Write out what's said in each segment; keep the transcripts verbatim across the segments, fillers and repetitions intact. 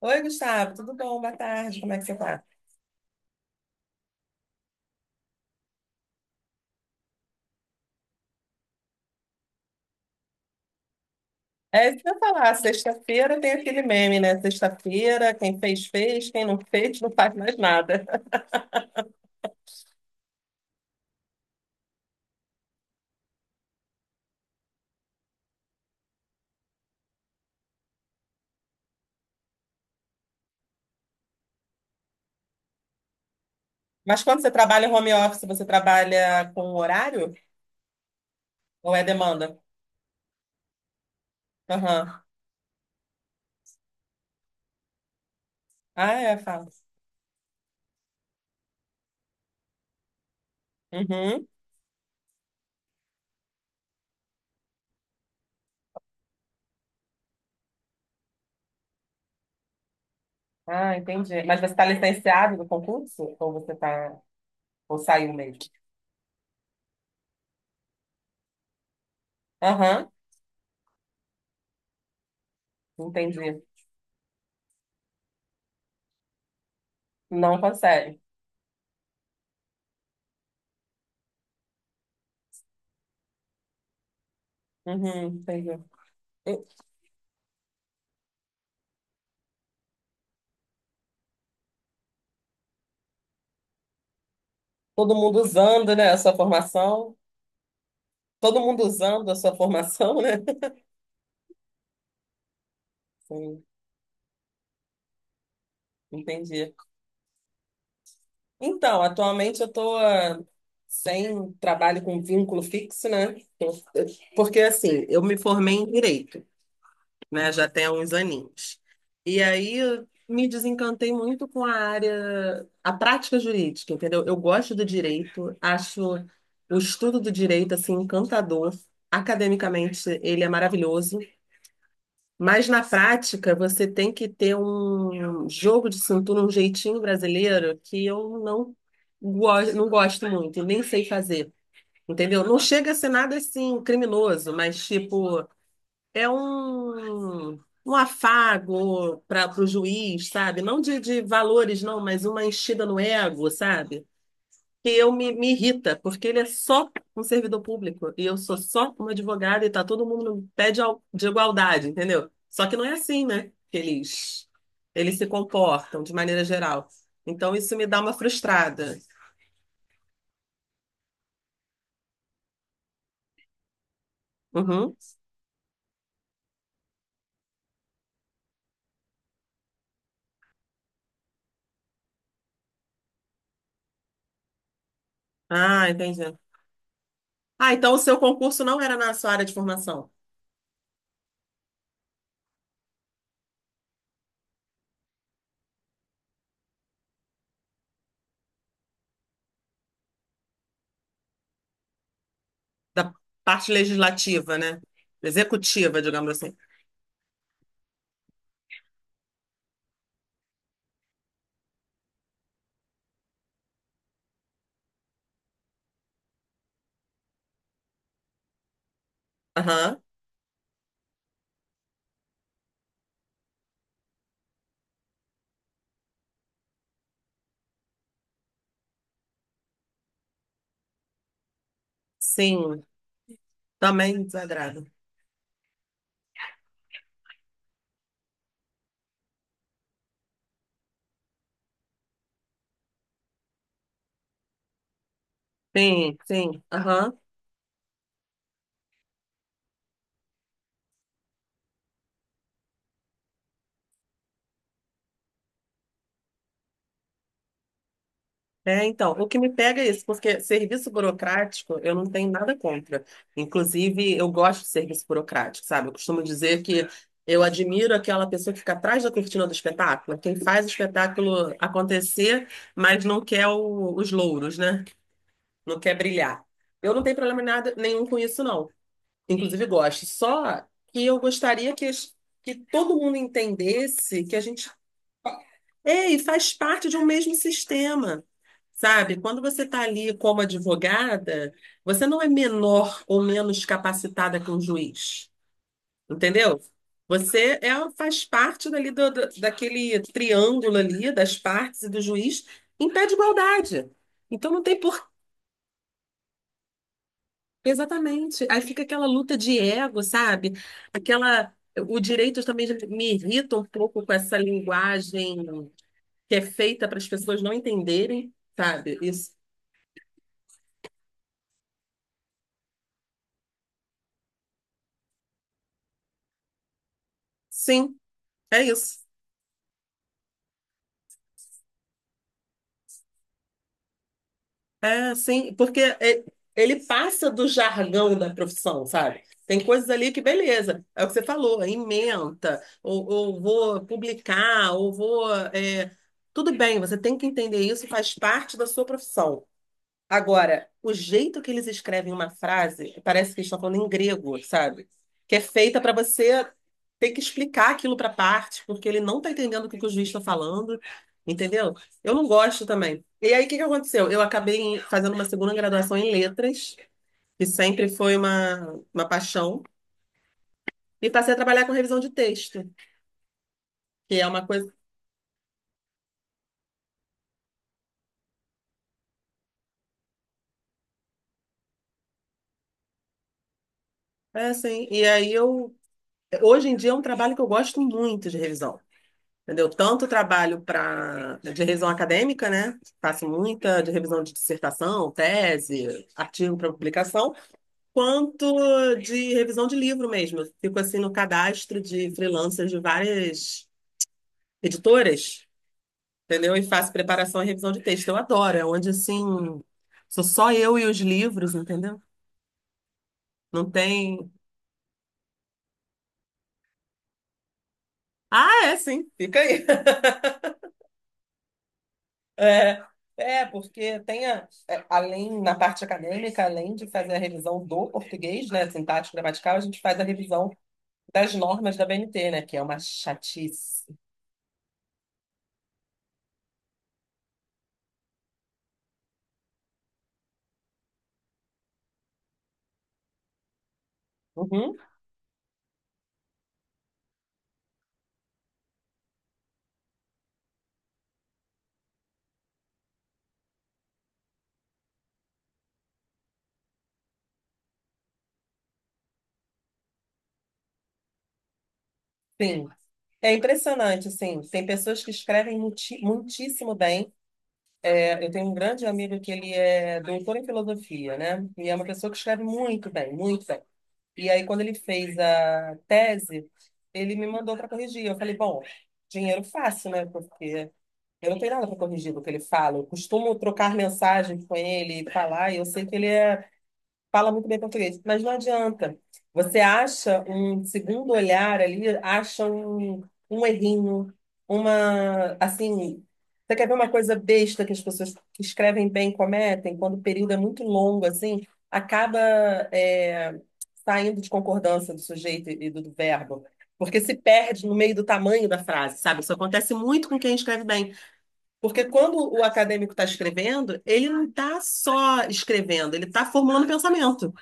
Oi, Gustavo, tudo bom? Boa tarde, como é que você tá? É isso que eu ia falar, sexta-feira tem aquele meme, né? Sexta-feira, quem fez, fez, quem não fez, não faz mais nada. Mas quando você trabalha home office, você trabalha com horário ou é demanda? Aham. Ah, é, fala. Uhum. Ah, entendi. Mas você está licenciado do concurso? Ou você tá... Ou saiu mesmo? Aham, entendi. Não consegue. Uhum, entendi. Todo mundo usando, né, a sua formação. Todo mundo usando a sua formação, né? Sim, entendi. Então, atualmente eu estou sem trabalho com vínculo fixo, né? Eu- eu- Porque assim, eu me formei em direito, né? Já tem uns aninhos. E aí eu me desencantei muito com a área, a prática jurídica, entendeu? Eu gosto do direito, acho o estudo do direito assim encantador. Academicamente, ele é maravilhoso. Mas na prática, você tem que ter um jogo de cintura, um jeitinho brasileiro que eu não, go não gosto muito, nem sei fazer, entendeu? Não chega a ser nada assim criminoso, mas tipo, é um, um afago para o juiz, sabe? Não de, de valores, não, mas uma enchida no ego, sabe? Que eu me, me irrita, porque ele é só um servidor público e eu sou só uma advogada e tá todo mundo no pé de, al- de igualdade, entendeu? Só que não é assim, né? Que eles, eles se comportam de maneira geral. Então isso me dá uma frustrada. Uhum. Ah, entendi. Ah, então o seu concurso não era na sua área de formação, da parte legislativa, né? Executiva, digamos assim. Aham. Sim, também desagrado. Sim, sim. Aham. É, então, o que me pega é isso, porque serviço burocrático eu não tenho nada contra. Inclusive, eu gosto de serviço burocrático, sabe? Eu costumo dizer que eu admiro aquela pessoa que fica atrás da cortina do espetáculo, quem faz o espetáculo acontecer, mas não quer o- os louros, né? Não quer brilhar. Eu não tenho problema nada, nenhum com isso, não. Inclusive, gosto. Só que eu gostaria que, as- que todo mundo entendesse que a gente é, e faz parte de um mesmo sistema, sabe? Quando você está ali como advogada, você não é menor ou menos capacitada que um juiz, entendeu? Você é, faz parte dali do, do- daquele triângulo ali, das partes e do juiz, em pé de igualdade. Então não tem por... Exatamente. Aí fica aquela luta de ego, sabe? Aquela... O direito também me irrita um pouco com essa linguagem que é feita para as pessoas não entenderem, sabe? Isso. Sim, é isso. É, sim, porque é- ele passa do jargão da profissão, sabe? Tem coisas ali que, beleza, é o que você falou, é ementa, ou, ou vou publicar, ou vou. É, tudo bem, você tem que entender isso, faz parte da sua profissão. Agora, o jeito que eles escrevem uma frase, parece que eles estão falando em grego, sabe? Que é feita para você ter que explicar aquilo para parte, porque ele não está entendendo o que, que o juiz está falando, entendeu? Eu não gosto também. E aí, o que que aconteceu? Eu acabei em- fazendo uma segunda graduação em letras, que sempre foi uma, uma paixão, e passei a trabalhar com revisão de texto, que é uma coisa. É assim. E aí, eu. Hoje em dia é um trabalho que eu gosto muito de revisão. Entendeu? Tanto trabalho para de revisão acadêmica, né? Faço muita de revisão de dissertação, tese, artigo para publicação, quanto de revisão de livro mesmo. Eu fico assim no cadastro de freelancers de várias editoras, entendeu? E faço preparação e revisão de texto. Eu adoro, é onde assim sou só eu e os livros, entendeu? Não tem. Ah, é sim, fica aí. É, é, porque tem a, é, além, na parte acadêmica, além de fazer a revisão do português, né, sintático, gramatical, a gente faz a revisão das normas da B N T, né, que é uma chatice. Uhum, sim. É impressionante, assim, tem pessoas que escrevem muti- muitíssimo bem. É, eu tenho um grande amigo que ele é doutor em filosofia, né, e é uma pessoa que escreve muito bem, muito bem. E aí, quando ele fez a tese, ele me mandou para corrigir. Eu falei, bom, dinheiro fácil, né, porque eu não tenho nada para corrigir do que ele fala. Eu costumo trocar mensagens com ele, e falar, e eu sei que ele é- fala muito bem português, mas não adianta. Você acha um segundo olhar ali, acha um, um errinho, uma, assim, você quer ver uma coisa besta que as pessoas que escrevem bem cometem, quando o período é muito longo, assim, acaba é, saindo de concordância do sujeito e do do verbo, porque se perde no meio do tamanho da frase, sabe? Isso acontece muito com quem escreve bem. Porque quando o acadêmico está escrevendo, ele não está só escrevendo, ele está formulando pensamento,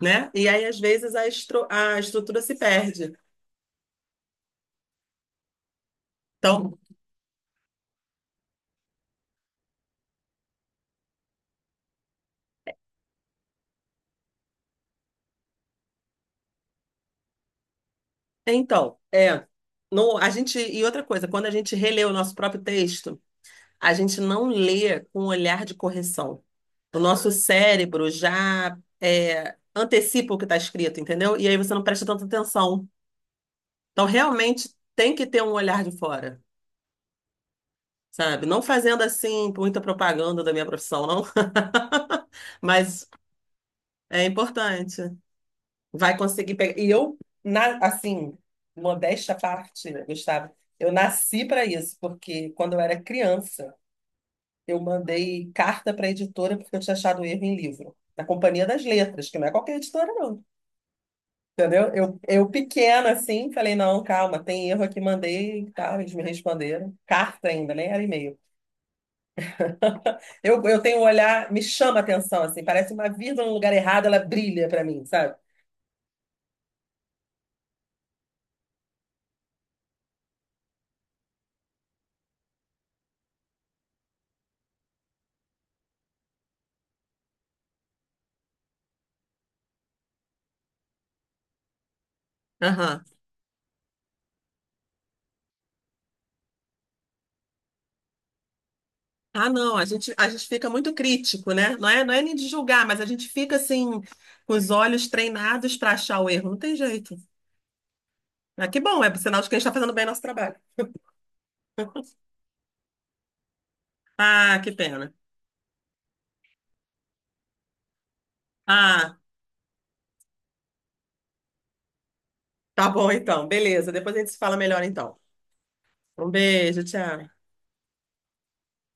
né? E aí, às vezes, a, estru- a estrutura se perde. Então, então é, no, a gente, e outra coisa, quando a gente relê o nosso próprio texto, a gente não lê com um olhar de correção. O nosso cérebro já é, antecipa o que está escrito, entendeu? E aí você não presta tanta atenção. Então, realmente, tem que ter um olhar de fora. Sabe? Não fazendo assim muita propaganda da minha profissão, não. Mas é importante. Vai conseguir pegar. E eu, na- assim, modéstia à parte, né, Gustavo, eu nasci para isso, porque quando eu era criança, eu mandei carta para a editora porque eu tinha achado erro em livro, na Companhia das Letras, que não é qualquer editora, não. Entendeu? Eu, eu pequena, assim, falei, não, calma, tem erro aqui, mandei e tal, eles me responderam. Carta ainda, nem era e-mail. Eu, eu tenho um olhar, me chama a atenção, assim, parece uma vírgula no lugar errado, ela brilha pra mim, sabe? Aham. Ah, não, a gente, a gente fica muito crítico, né? Não é, não é nem de julgar, mas a gente fica assim, com os olhos treinados para achar o erro. Não tem jeito. Ah, que bom, é sinal de que a gente está fazendo bem nosso trabalho. Ah, que pena. Ah, tá bom então, beleza. Depois a gente se fala melhor então. Um beijo, tchau.